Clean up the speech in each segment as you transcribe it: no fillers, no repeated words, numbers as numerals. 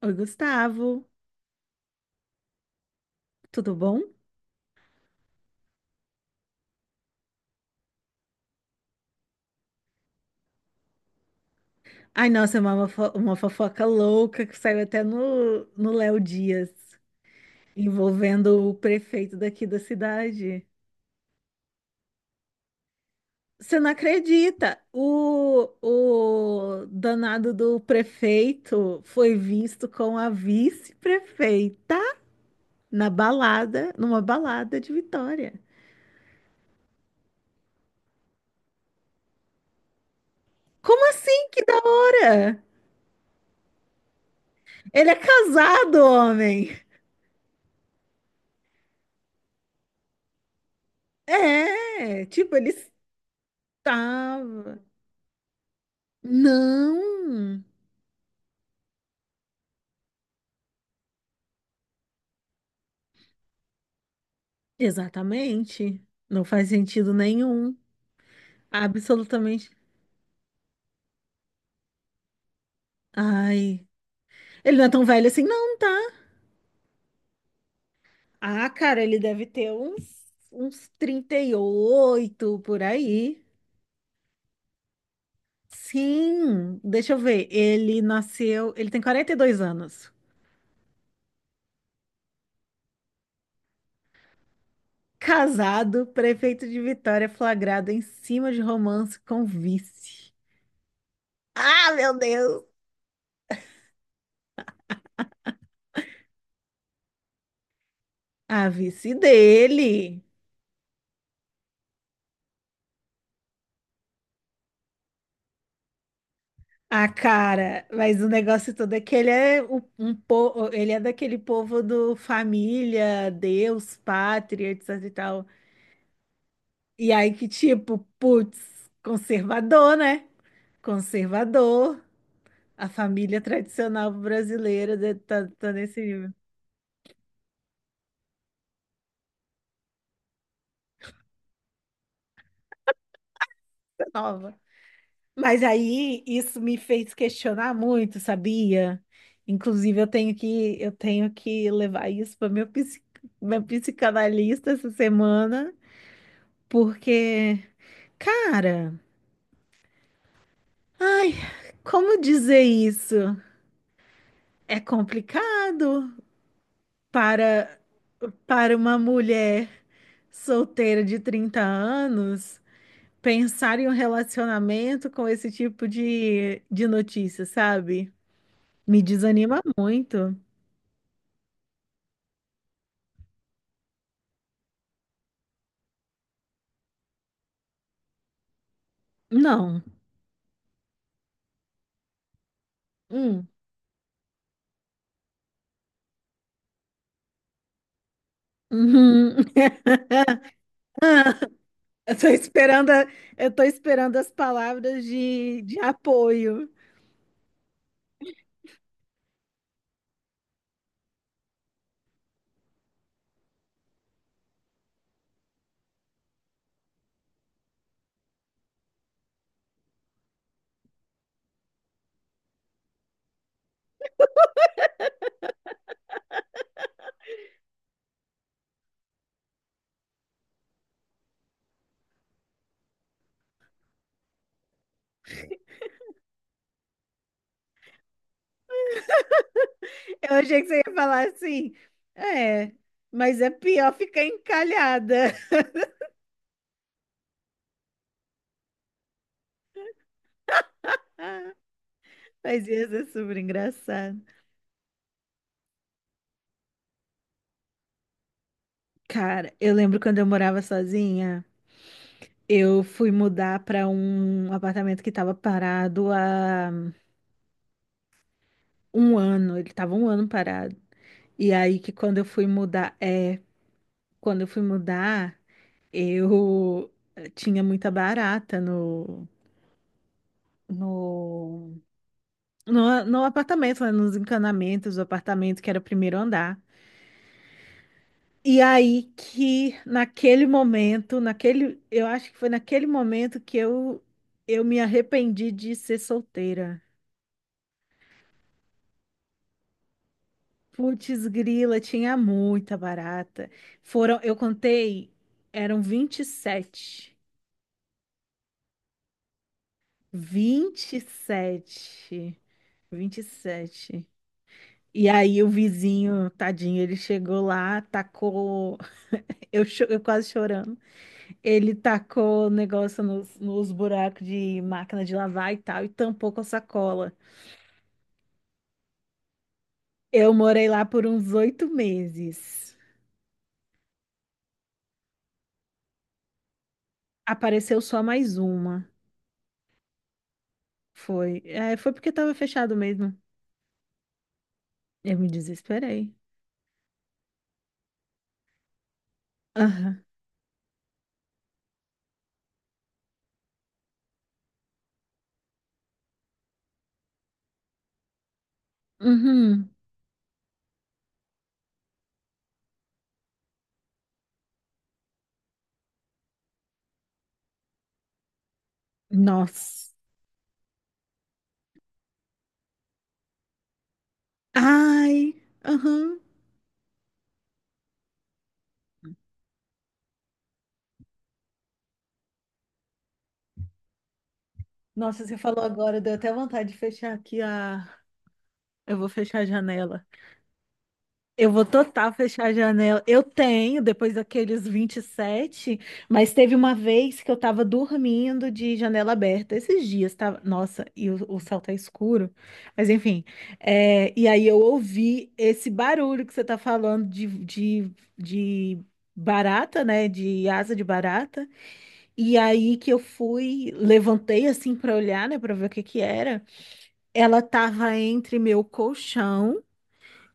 Oi, Gustavo, tudo bom? Ai, nossa, é uma, uma fofoca louca que saiu até no Léo Dias, envolvendo o prefeito daqui da cidade. Você não acredita? O danado do prefeito foi visto com a vice-prefeita na balada, numa balada de Vitória. Como assim? Que da hora! Ele é casado, homem! É, tipo, ele estava. Não, exatamente. Não faz sentido nenhum. Absolutamente. Ai, ele não é tão velho assim, não, tá? Ah, cara, ele deve ter uns, uns 38 por aí. Sim, deixa eu ver. Ele nasceu, ele tem 42 anos. Casado, prefeito de Vitória, flagrado em cima de romance com vice. Ah, meu Deus! A vice dele. Ah, cara, mas o negócio todo é que ele é o- um, po- ele é daquele povo do família, Deus, pátria, etc e tal. E aí que tipo, putz, conservador, né? Conservador, a família tradicional brasileira de- tá, tá nesse nível, tá nova. Mas aí isso me fez questionar muito, sabia? Inclusive eu tenho que levar isso para meu psicanalista essa semana, porque cara, ai, como dizer isso? É complicado para para uma mulher solteira de 30 anos pensar em um relacionamento com esse tipo de notícia, sabe? Me desanima muito. Não. Hum. Uhum. Ah, Eu tô esperando, a- eu tô esperando as palavras de apoio. Eu achei que você ia falar assim. É, mas é pior ficar encalhada. Mas ia ser super engraçado. Cara, eu lembro quando eu morava sozinha, eu fui mudar para um apartamento que estava parado há um ano. Ele estava um ano parado. E aí que quando eu fui mudar, é, quando eu fui mudar, eu tinha muita barata no no no apartamento, né, nos encanamentos do apartamento que era o primeiro andar. E aí que naquele momento, naquele, eu acho que foi naquele momento que eu me arrependi de ser solteira. Putz, grila, tinha muita barata. Foram, eu contei, eram 27. 27. 27. E sete. Vinte e sete. E aí o vizinho, tadinho, ele chegou lá, tacou, eu quase chorando. Ele tacou o negócio nos buracos de máquina de lavar e tal, e tampou com a sacola. Eu morei lá por uns oito meses. Apareceu só mais uma. Foi. É, foi porque tava fechado mesmo. Eu me desesperei. Aham. Uhum. Nossa. Ai. Aham. Nossa, você falou agora, deu até vontade de fechar aqui a. Eu vou fechar a janela. Eu vou total fechar a janela. Eu tenho, depois daqueles 27, mas teve uma vez que eu tava dormindo de janela aberta. Esses dias tava. Nossa, e o céu tá escuro. Mas enfim. É, e aí eu ouvi esse barulho que você tá falando de barata, né? De asa de barata. E aí que eu fui, levantei assim pra olhar, né? Pra ver o que que era. Ela tava entre meu colchão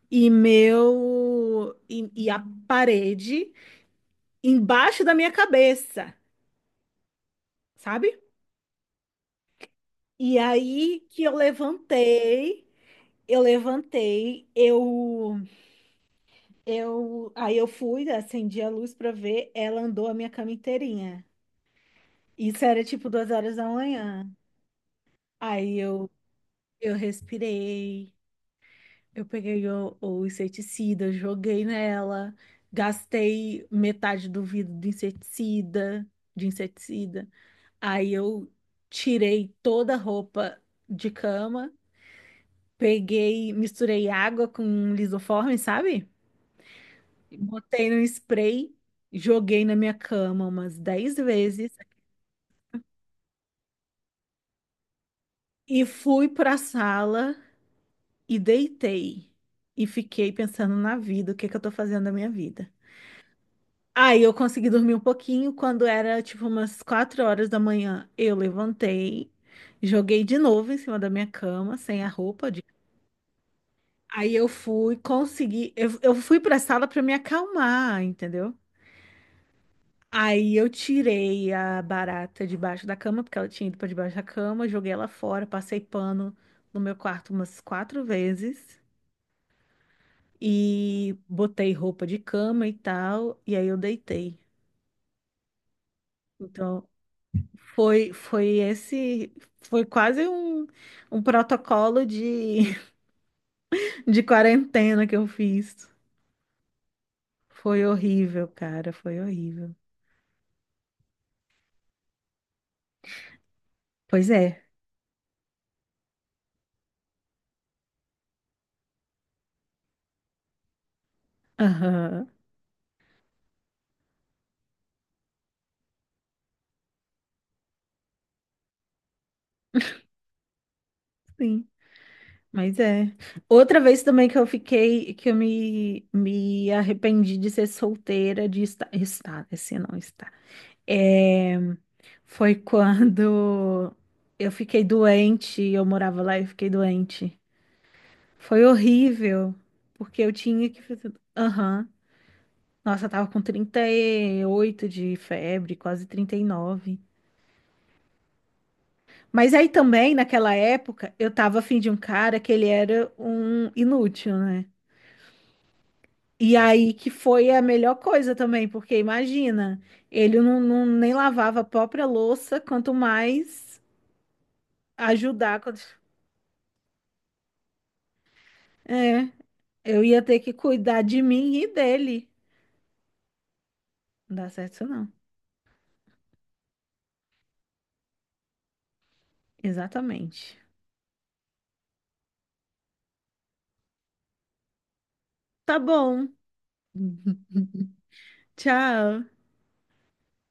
e a parede embaixo da minha cabeça, sabe? E aí que eu levantei, eu levantei, eu eu aí eu fui, acendi a luz pra ver, ela andou a minha cama inteirinha. Isso era tipo 2 horas da manhã. Aí eu respirei, eu peguei o inseticida, eu joguei nela, gastei metade do vidro do inseticida, de inseticida. Aí eu tirei toda a roupa de cama, peguei, misturei água com um lisoforme, sabe? Botei no spray, joguei na minha cama umas 10 vezes e fui pra sala e deitei. E fiquei pensando na vida, o que que eu tô fazendo da minha vida. Aí eu consegui dormir um pouquinho, quando era tipo umas 4 horas da manhã, eu levantei, joguei de novo em cima da minha cama, sem a roupa. Aí eu fui conseguir, eu fui pra sala pra me acalmar, entendeu? Aí eu tirei a barata debaixo da cama, porque ela tinha ido pra debaixo da cama, joguei ela fora, passei pano no meu quarto umas 4 vezes e botei roupa de cama e tal, e aí eu deitei. Então, foi foi esse foi quase um, um protocolo de, de quarentena que eu fiz. Foi horrível, cara, foi horrível. Pois é. Aham. Sim, mas é. Outra vez também que eu fiquei, que me arrependi de ser solteira, de estar, esse não está. É, foi quando eu fiquei doente, eu morava lá e eu fiquei doente. Foi horrível, porque eu tinha que fazer. Aham. Nossa, eu tava com 38 de febre, quase 39. Mas aí também, naquela época, eu tava afim de um cara que ele era um inútil, né? E aí que foi a melhor coisa também, porque imagina, ele nem lavava a própria louça, quanto mais ajudar. Quanto- É, eu ia ter que cuidar de mim e dele. Não dá certo isso não. Exatamente. Tá bom. Tchau.